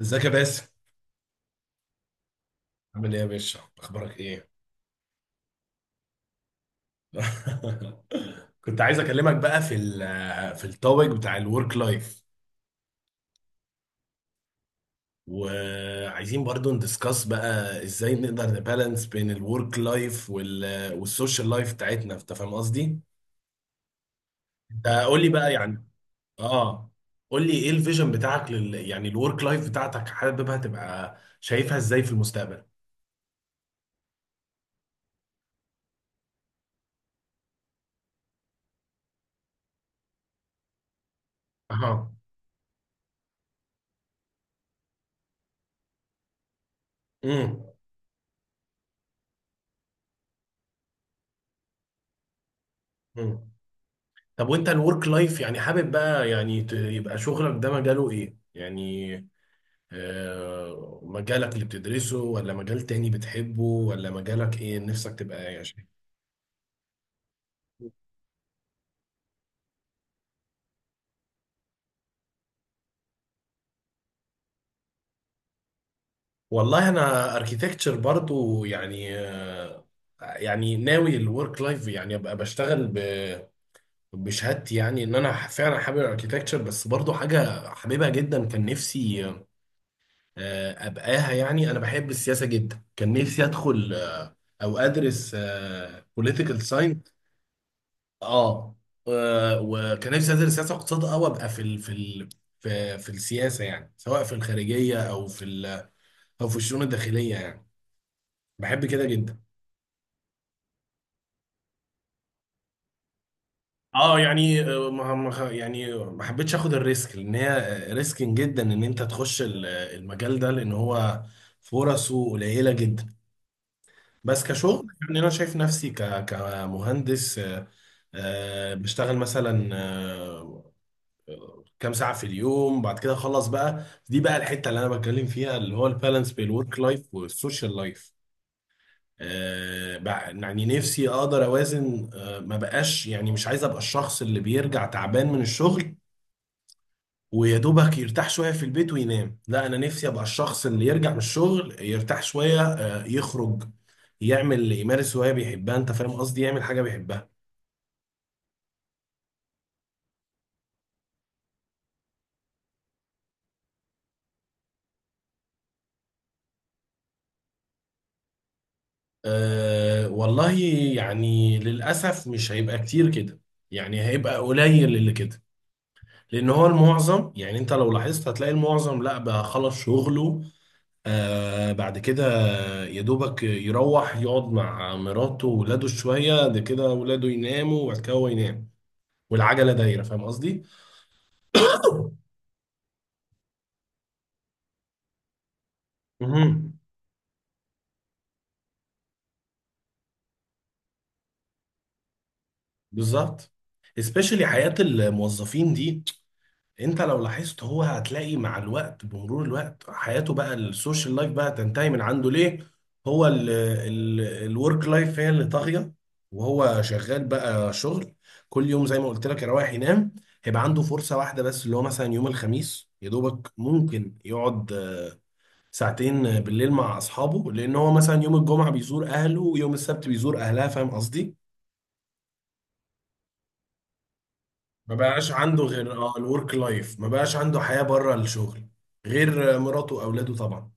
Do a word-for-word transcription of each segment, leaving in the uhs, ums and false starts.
ازيك يا باسم؟ عامل ايه يا باشا؟ اخبارك ايه؟ كنت عايز اكلمك بقى في ال في التوبيك بتاع الورك لايف. وعايزين برضو ندiscuss بقى ازاي نقدر نبالانس بين الورك لايف وال والسوشيال لايف بتاعتنا، انت فاهم قصدي؟ انت قول لي بقى، يعني اه قول لي ايه الفيجن بتاعك لل يعني الورك لايف بتاعتك، حاببها تبقى شايفها ازاي في المستقبل؟ اها. امم. طب وانت الورك لايف، يعني حابب بقى، يعني ت- يبقى شغلك ده مجاله ايه؟ يعني آه، مجالك اللي بتدرسه ولا مجال تاني بتحبه ولا مجالك ايه نفسك تبقى ايه؟ عشان والله انا اركيتكتشر برضو يعني. آه، يعني ناوي الورك لايف يعني ابقى بشتغل ب- بشهادتي، يعني ان انا فعلا حابب الاركيتكتشر، بس برضو حاجة حاببها جدا كان نفسي آه، ابقاها، يعني انا بحب السياسه جدا. كان نفسي ادخل آه، او ادرس بوليتيكال ساينس. اه آه، وكان نفسي ادرس سياسه واقتصاد، او ابقى في ال في ال في, في السياسه، يعني سواء في الخارجيه او في ال او في الشؤون الداخليه. يعني بحب كده جدا. اه يعني آه، ما ما- يعني ما حبيتش اخد الريسك، لان هي ريسكين جدا ان انت تخش ال- المجال ده، لان هو فرصه قليله جدا. بس كشغل، يعني انا شايف نفسي ك كمهندس. آه، آه، بشتغل مثلا آه، كام ساعه في اليوم، بعد كده اخلص. بقى دي بقى الحته اللي انا بتكلم فيها، اللي هو البالانس بين الورك لايف والسوشيال لايف. آه، بع- يعني نفسي اقدر اوازن. آه، ما بقاش، يعني مش عايز ابقى الشخص اللي بيرجع تعبان من الشغل ويا دوبك يرتاح شويه في البيت وينام. لا، انا نفسي ابقى الشخص اللي يرجع من الشغل يرتاح شويه آه، يخرج، يعمل، يمارس هوايه بيحبها، انت فاهم قصدي؟ يعمل حاجه بيحبها. أه والله، يعني للاسف مش هيبقى كتير كده، يعني هيبقى قليل اللي كده، لان هو المعظم، يعني انت لو لاحظت هتلاقي المعظم لا بقى خلص شغله آه بعد كده يا دوبك يروح يقعد مع مراته وولاده شويه، ده كده ولاده يناموا وبعد كده هو ينام، والعجله دايره، فاهم قصدي؟ مهم. بالظبط. especially حياة الموظفين دي، انت لو لاحظت هو هتلاقي مع الوقت، بمرور الوقت حياته بقى السوشيال لايف بقى تنتهي من عنده. ليه؟ هو الورك لايف هي اللي طاغية، وهو شغال بقى شغل كل يوم زي ما قلت لك، يروح ينام. هيبقى عنده فرصة واحدة بس، اللي هو مثلا يوم الخميس يا دوبك ممكن يقعد آه، ساعتين بالليل مع أصحابه، لأن هو مثلا يوم الجمعة بيزور أهله، ويوم السبت بيزور أهلها، فاهم قصدي؟ ما بقاش عنده غير اه الورك لايف، ما بقاش عنده حياة بره الشغل غير مراته واولاده طبعا.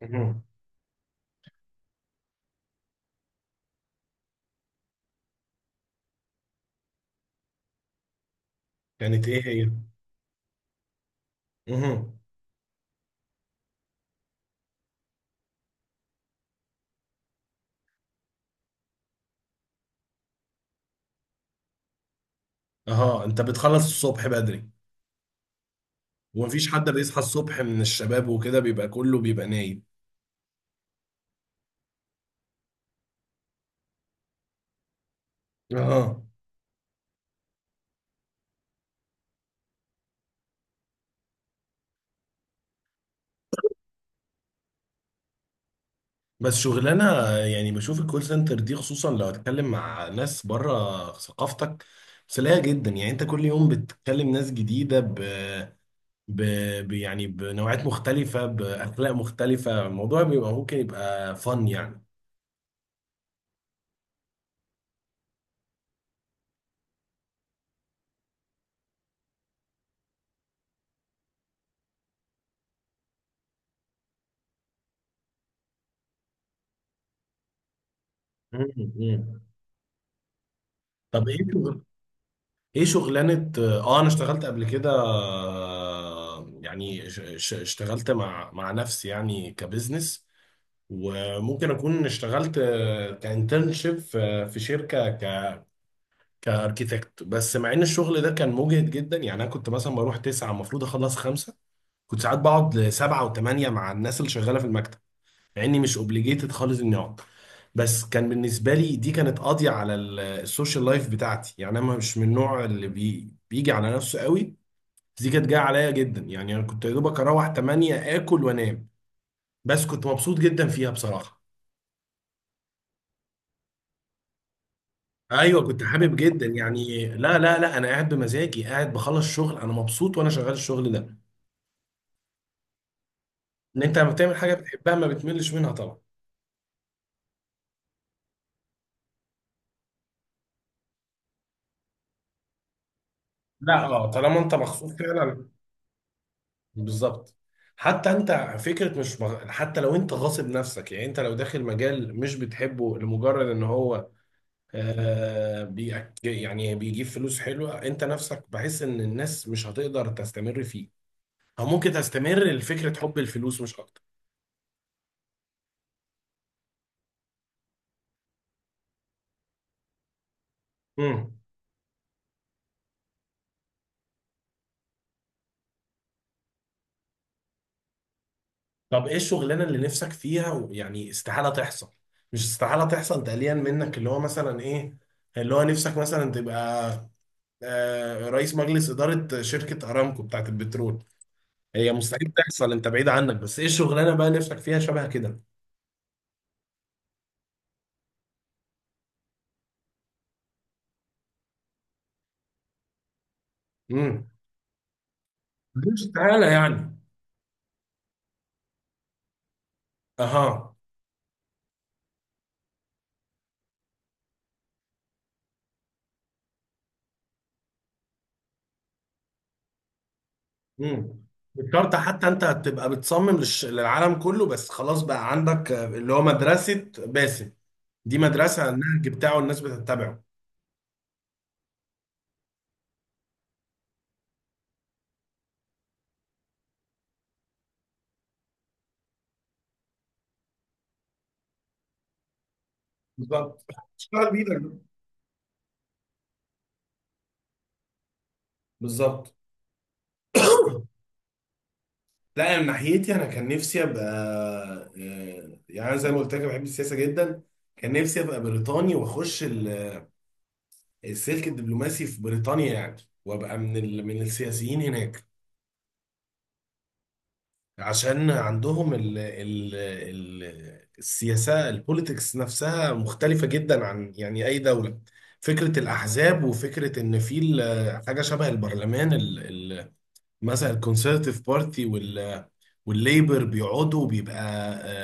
مهم. كانت ايه هي؟ مهم. اها، انت بتخلص الصبح بدري ومفيش حد بيصحى الصبح من الشباب وكده، بيبقى كله بيبقى نايم. اها. بس شغلانة، يعني بشوف الكول سنتر دي، خصوصا لو هتكلم مع ناس بره ثقافتك، سلاية جدا. يعني انت كل يوم بتتكلم ناس جديدة ب... ب... ب... يعني بنوعات مختلفة، بأخلاق مختلفة، الموضوع بيبقى ممكن يبقى فن يعني. مم. مم. طب ايه شغل... ايه شغلانة؟ اه انا اشتغلت قبل كده آه، يعني ش... ش... اشتغلت مع مع نفسي يعني كبزنس. وممكن اكون اشتغلت كانترنشيب في في شركة ك... كاركيتكت. بس مع ان الشغل ده كان مجهد جدا، يعني انا كنت مثلا بروح تسعة، المفروض اخلص خمسة، كنت ساعات بقعد لسبعة وثمانية مع الناس اللي شغالة في المكتب، مع اني مش اوبليجيتد خالص اني اقعد. بس كان بالنسبه لي دي كانت قاضيه على ال- السوشيال لايف بتاعتي. يعني انا مش من النوع اللي بي بيجي على نفسه قوي، بس دي كانت جايه عليا جدا. يعني انا كنت يا دوبك اروح تمانية اكل وانام، بس كنت مبسوط جدا فيها بصراحه. ايوه كنت حابب جدا يعني. لا لا لا، انا قاعد بمزاجي، قاعد بخلص شغل، انا مبسوط وانا شغال الشغل ده. ان انت لما بتعمل حاجه بتحبها ما بتملش منها طبعا. لا اه، طالما انت مخصوص فعلا. بالظبط. حتى انت فكره مش مغ... حتى لو انت غاصب نفسك، يعني انت لو داخل مجال مش بتحبه لمجرد ان هو آه بي... يعني بيجيب فلوس حلوه، انت نفسك بحس ان الناس مش هتقدر تستمر فيه، او ممكن تستمر لفكره حب الفلوس مش اكتر. امم. طب ايه الشغلانه اللي نفسك فيها و- يعني استحاله تحصل، مش استحاله تحصل تقليلا منك، اللي هو مثلا ايه اللي هو نفسك مثلا تبقى آه رئيس مجلس اداره شركه ارامكو بتاعت البترول؟ هي مستحيل تحصل، انت بعيد عنك، بس ايه الشغلانه بقى نفسك فيها شبه كده؟ امم. مش تعالى يعني. اها. امم. مش شرط حتى، انت هتبقى بتصمم للش... للعالم كله، بس خلاص بقى عندك آه، اللي هو مدرسه باسم، دي مدرسه النهج بتاعه الناس بتتبعه. بالظبط. اشتغل بايدك بقى. بالظبط. لا من ناحيتي انا كان نفسي ابقى آه، يعني أنا زي ما قلت لك أنا بحب السياسه جدا. كان نفسي ابقى بريطاني واخش ال- السلك الدبلوماسي في بريطانيا يعني، وابقى من ال... من السياسيين هناك. عشان عندهم ال... ال... ال... السياسة، البوليتكس نفسها مختلفة جدا عن يعني أي دولة. فكرة الأحزاب، وفكرة إن في ال- حاجة شبه البرلمان ال... ال... مثلا الكونسرتيف بارتي وال... والليبر، بيقعدوا بيبقى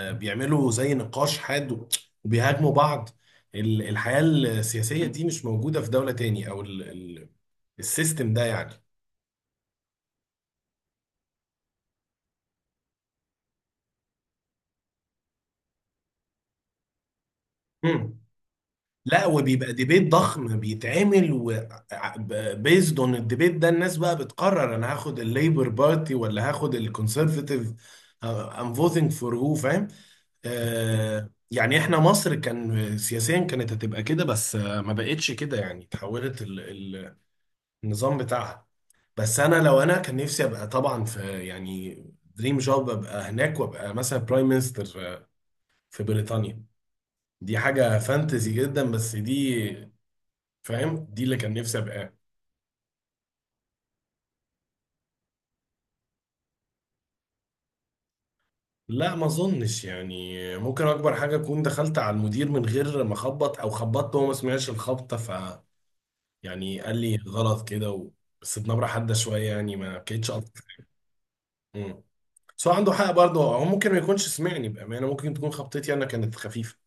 آه، بيعملوا زي نقاش حاد، وبيهاجموا بعض. ال- الحياة السياسية دي مش موجودة في دولة تاني، أو ال... ال... السيستم ده يعني. مم. لا، وبيبقى ديبيت ضخم بيتعمل و بيزد اون الديبيت ده الناس بقى بتقرر انا هاخد الليبر بارتي ولا هاخد الكونسرفاتيف. ام فوتنج فور، هو فاهم. آه، يعني احنا مصر كان سياسيا كانت هتبقى كده، بس آه، ما بقتش كده. يعني تحولت ال- ال- النظام بتاعها. بس انا لو انا كان نفسي ابقى طبعا في يعني دريم جوب، ابقى هناك وابقى مثلا برايم مينستر في بريطانيا. دي حاجة فانتزي جدا، بس دي فاهم دي اللي كان نفسي ابقى. لا ما اظنش. يعني ممكن اكبر حاجه اكون دخلت على المدير من غير ما اخبط، او خبطت وهو ما سمعش الخبطه. ف يعني قال لي غلط كده و... بس بنبره حاده شويه، يعني ما بكيتش اكتر. امم. بس هو عنده حق برضه، هو ممكن ما يكونش سمعني بامانه، ممكن تكون خبطتي انا كانت خفيفه.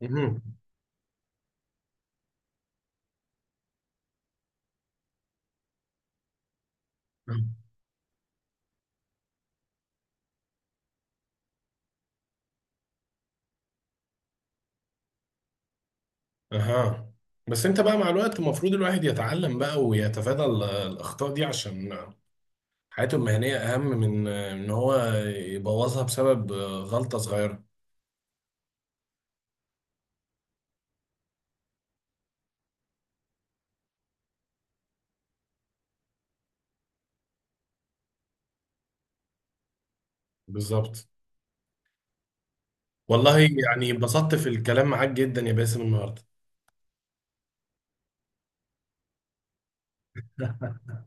مهم. اها، بس انت بقى مع الوقت المفروض الواحد يتعلم بقى ويتفادى ال- الاخطاء دي، عشان حياته المهنية أهم من آه، إن هو يبوظها بسبب آه، غلطة صغيرة. بالظبط. والله يعني اتبسطت في الكلام معاك جدا يا باسم النهاردة.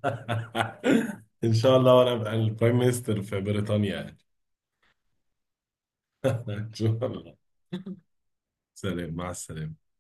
إن شاء الله وأنا أبقى البرايم مينستر في بريطانيا يعني. إن شاء الله. سلام. مع السلامة.